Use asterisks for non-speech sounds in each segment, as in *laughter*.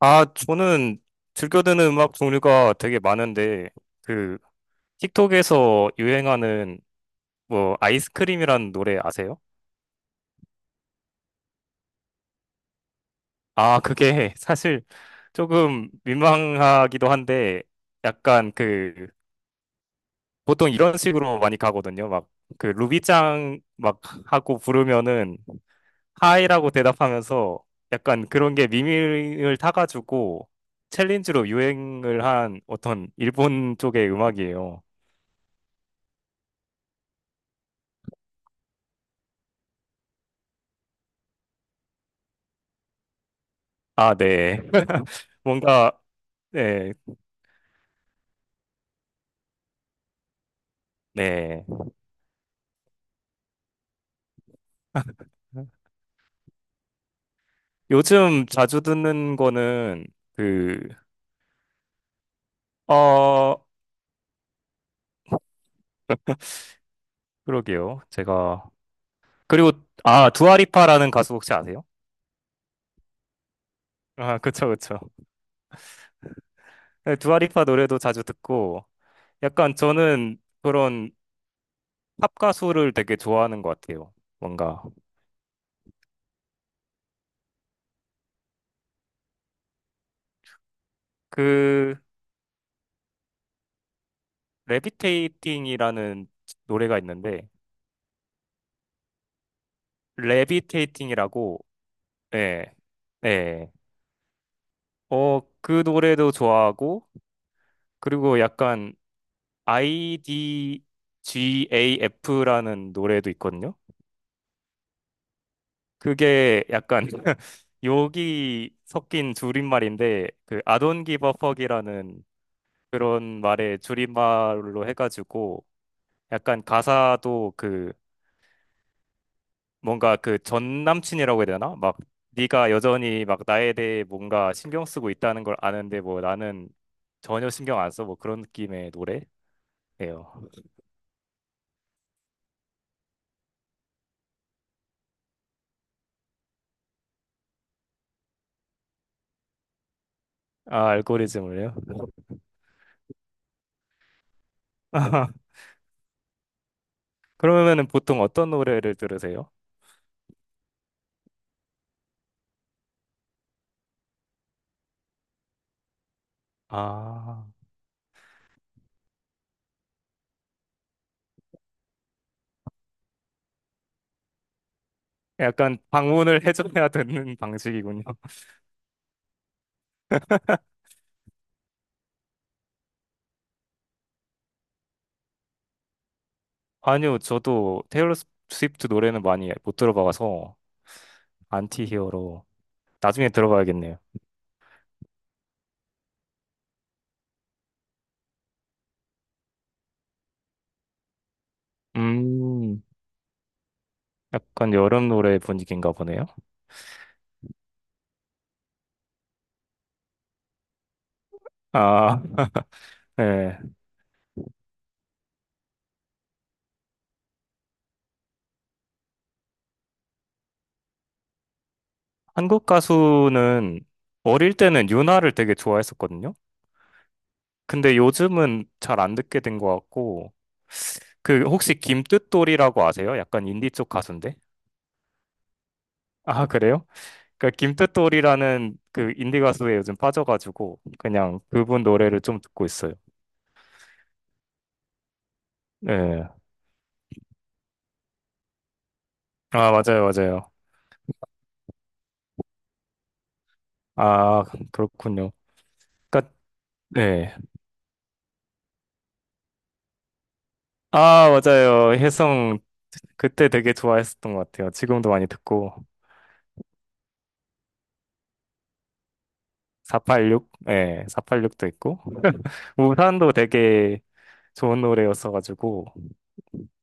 아, 저는 즐겨 듣는 음악 종류가 되게 많은데, 그, 틱톡에서 유행하는, 뭐, 아이스크림이라는 노래 아세요? 아, 그게 *laughs* 사실 조금 민망하기도 한데, 약간 그, 보통 이런 식으로 많이 가거든요. 막, 그, 루비짱 막 하고 부르면은, 하이라고 대답하면서, 약간 그런 게 미밀을 타가지고, 챌린지로 유행을 한 어떤 일본 쪽의 음악이에요. 아, 네. *laughs* 뭔가, 네, 네. 요즘 자주 듣는 거는, 그, 어, 그러게요. 제가, 그리고, 아, 두아리파라는 가수 혹시 아세요? 아, 그쵸, 그쵸. 네, 두아리파 노래도 자주 듣고, 약간 저는 그런 팝 가수를 되게 좋아하는 것 같아요. 뭔가, 그, 레비테이팅이라는 노래가 있는데, 레비테이팅이라고, 네, 네. 어, 그 노래도 좋아하고, 그리고 약간 IDGAF라는 노래도 있거든요. 그게 약간 *laughs* 욕이 섞인 줄임말인데, 그 I don't give a fuck이라는 그런 말의 줄임말로 해가지고, 약간 가사도 그 뭔가 그 전 남친이라고 해야 되나? 막 네가 여전히 막 나에 대해 뭔가 신경 쓰고 있다는 걸 아는데 뭐 나는 전혀 신경 안 써. 뭐 그런 느낌의 노래예요. 아, 알고리즘을요? *laughs* 그러면은 보통 어떤 노래를 들으세요? 아, 약간 방문을 해줘야 되는 방식이군요. 아니요, 저도 테일러 스위프트 노래는 많이 못 들어봐서 안티히어로 나중에 들어봐야겠네요. 음, 약간 여름 노래 분위기인가 보네요. 아, *laughs* 네. 한국 가수는 어릴 때는 윤아를 되게 좋아했었거든요. 근데 요즘은 잘 안 듣게 된 것 같고, 그 혹시 김뜻돌이라고 아세요? 약간 인디 쪽 가수인데? 아, 그래요? 그 김뜻돌이라는 그 인디 가수에 요즘 빠져가지고 그냥 그분 노래를 좀 듣고 있어요. 네. 아, 맞아요, 맞아요. 아, 그렇군요. 그러니까 네. 아, 맞아요. 혜성 그때 되게 좋아했었던 것 같아요. 지금도 많이 듣고 486, 예, 486도 있고 우산도 되게 좋은 노래였어가지고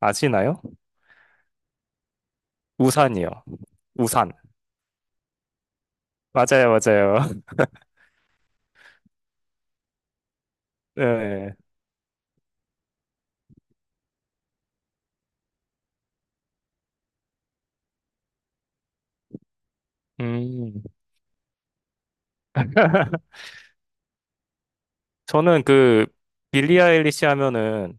아시나요? 우산이요. 우산. 맞아요, 맞아요. 네. 음. *laughs* 저는 그 빌리 아일리시 하면은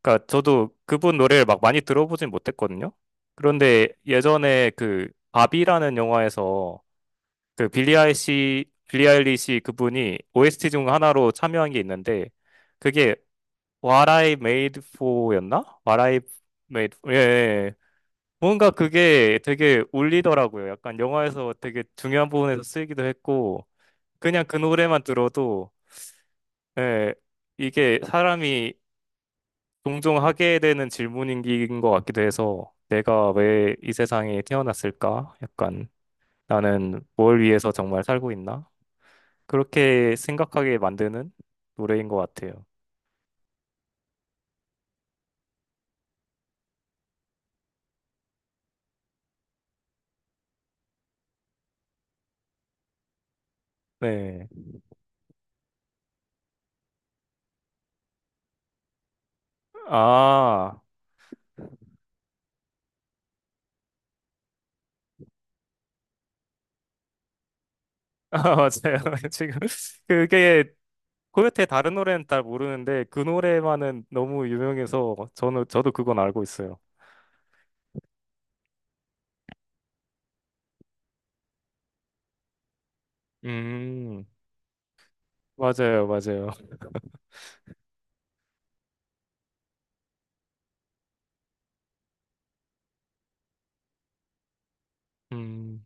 그러니까 저도 그분 노래를 막 많이 들어보진 못했거든요. 그런데 예전에 그 바비라는 영화에서 그 빌리 아일리시 그분이 OST 중 하나로 참여한 게 있는데 그게 What I Made For였나? What I Made For. 예. 예. 뭔가 그게 되게 울리더라고요. 약간 영화에서 되게 중요한 부분에서 쓰이기도 했고 그냥 그 노래만 들어도 네, 이게 사람이 종종 하게 되는 질문인 것 같기도 해서 내가 왜 이 세상에 태어났을까? 약간 나는 뭘 위해서 정말 살고 있나? 그렇게 생각하게 만드는 노래인 것 같아요. 네. 아, *laughs* 아, 맞아요. *laughs* 지금 그게 코요테 다른 노래는 잘 모르는데 그 노래만은 너무 유명해서 저는 저도 그건 알고 있어요. 음, 맞아요, 맞아요. 음.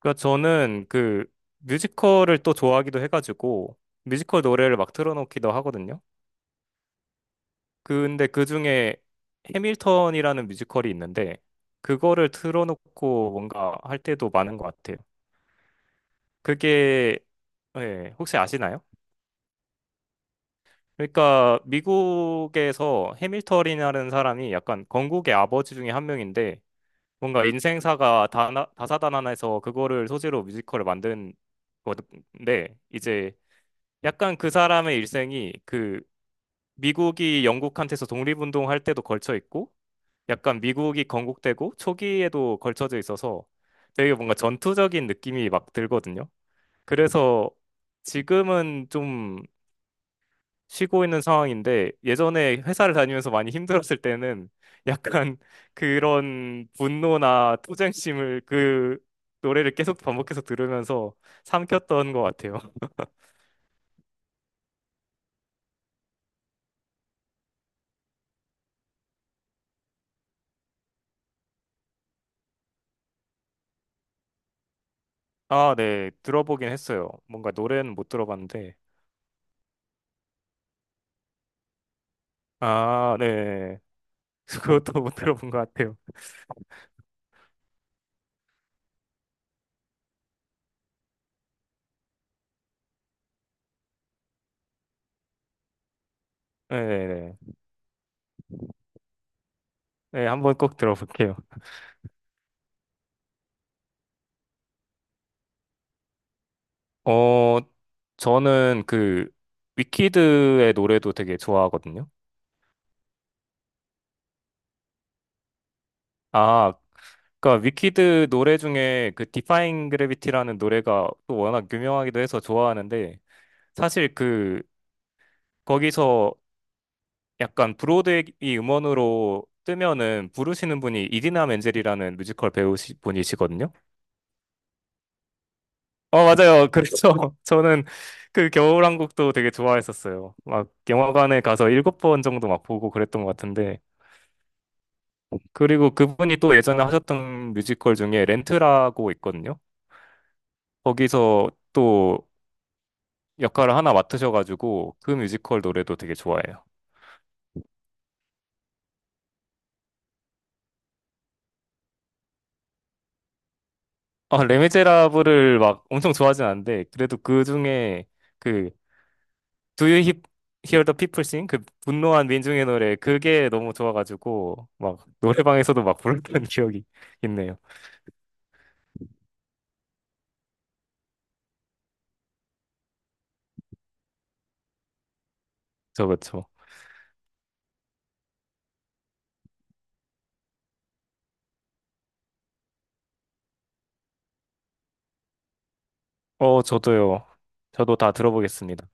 그러니까 저는 그 뮤지컬을 또 좋아하기도 해가지고 뮤지컬 노래를 막 틀어놓기도 하거든요. 근데 그 중에 해밀턴이라는 뮤지컬이 있는데 그거를 틀어놓고 뭔가 할 때도 많은 것 같아요. 그게 예, 혹시 아시나요? 그러니까 미국에서 해밀턴이라는 사람이 약간 건국의 아버지 중에 한 명인데 뭔가 인생사가 다사다난해서 그거를 소재로 뮤지컬을 만든 건데 이제 약간 그 사람의 일생이 그 미국이 영국한테서 독립운동할 때도 걸쳐 있고 약간 미국이 건국되고 초기에도 걸쳐져 있어서 되게 뭔가 전투적인 느낌이 막 들거든요. 그래서 지금은 좀 쉬고 있는 상황인데 예전에 회사를 다니면서 많이 힘들었을 때는 약간 그런 분노나 투쟁심을 그 노래를 계속 반복해서 들으면서 삼켰던 것 같아요. 아, 네. 들어보긴 했어요. 뭔가 노래는 못 들어봤는데. 아, 네. *laughs* 그것도 못 들어본 것 같아요. 네네네. 네, 네. 한번 꼭 들어볼게요. 어, 저는 그 위키드의 노래도 되게 좋아하거든요. 아, 그러니까 위키드 노래 중에 그 디파잉 그래비티라는 노래가 또 워낙 유명하기도 해서 좋아하는데 사실 그 거기서 약간 브로드웨이 음원으로 뜨면은 부르시는 분이 이디나 멘젤이라는 뮤지컬 배우 분이시거든요. 어, 맞아요. 그렇죠. *laughs* 저는 그 겨울왕국도 되게 좋아했었어요. 막 영화관에 가서 일곱 번 정도 막 보고 그랬던 것 같은데. 그리고 그분이 또 예전에 하셨던 뮤지컬 중에 렌트라고 있거든요. 거기서 또 역할을 하나 맡으셔가지고 그 뮤지컬 노래도 되게 좋아해요. 아, 레미제라블을 막 엄청 좋아하진 않는데 그래도 그 중에 그 Do You Hear the People Sing? 그 분노한 민중의 노래 그게 너무 좋아가지고 막 노래방에서도 막 불렀던 *laughs* 기억이 있네요. 그쵸, 그쵸. 어, 저도요. 저도 다 들어보겠습니다.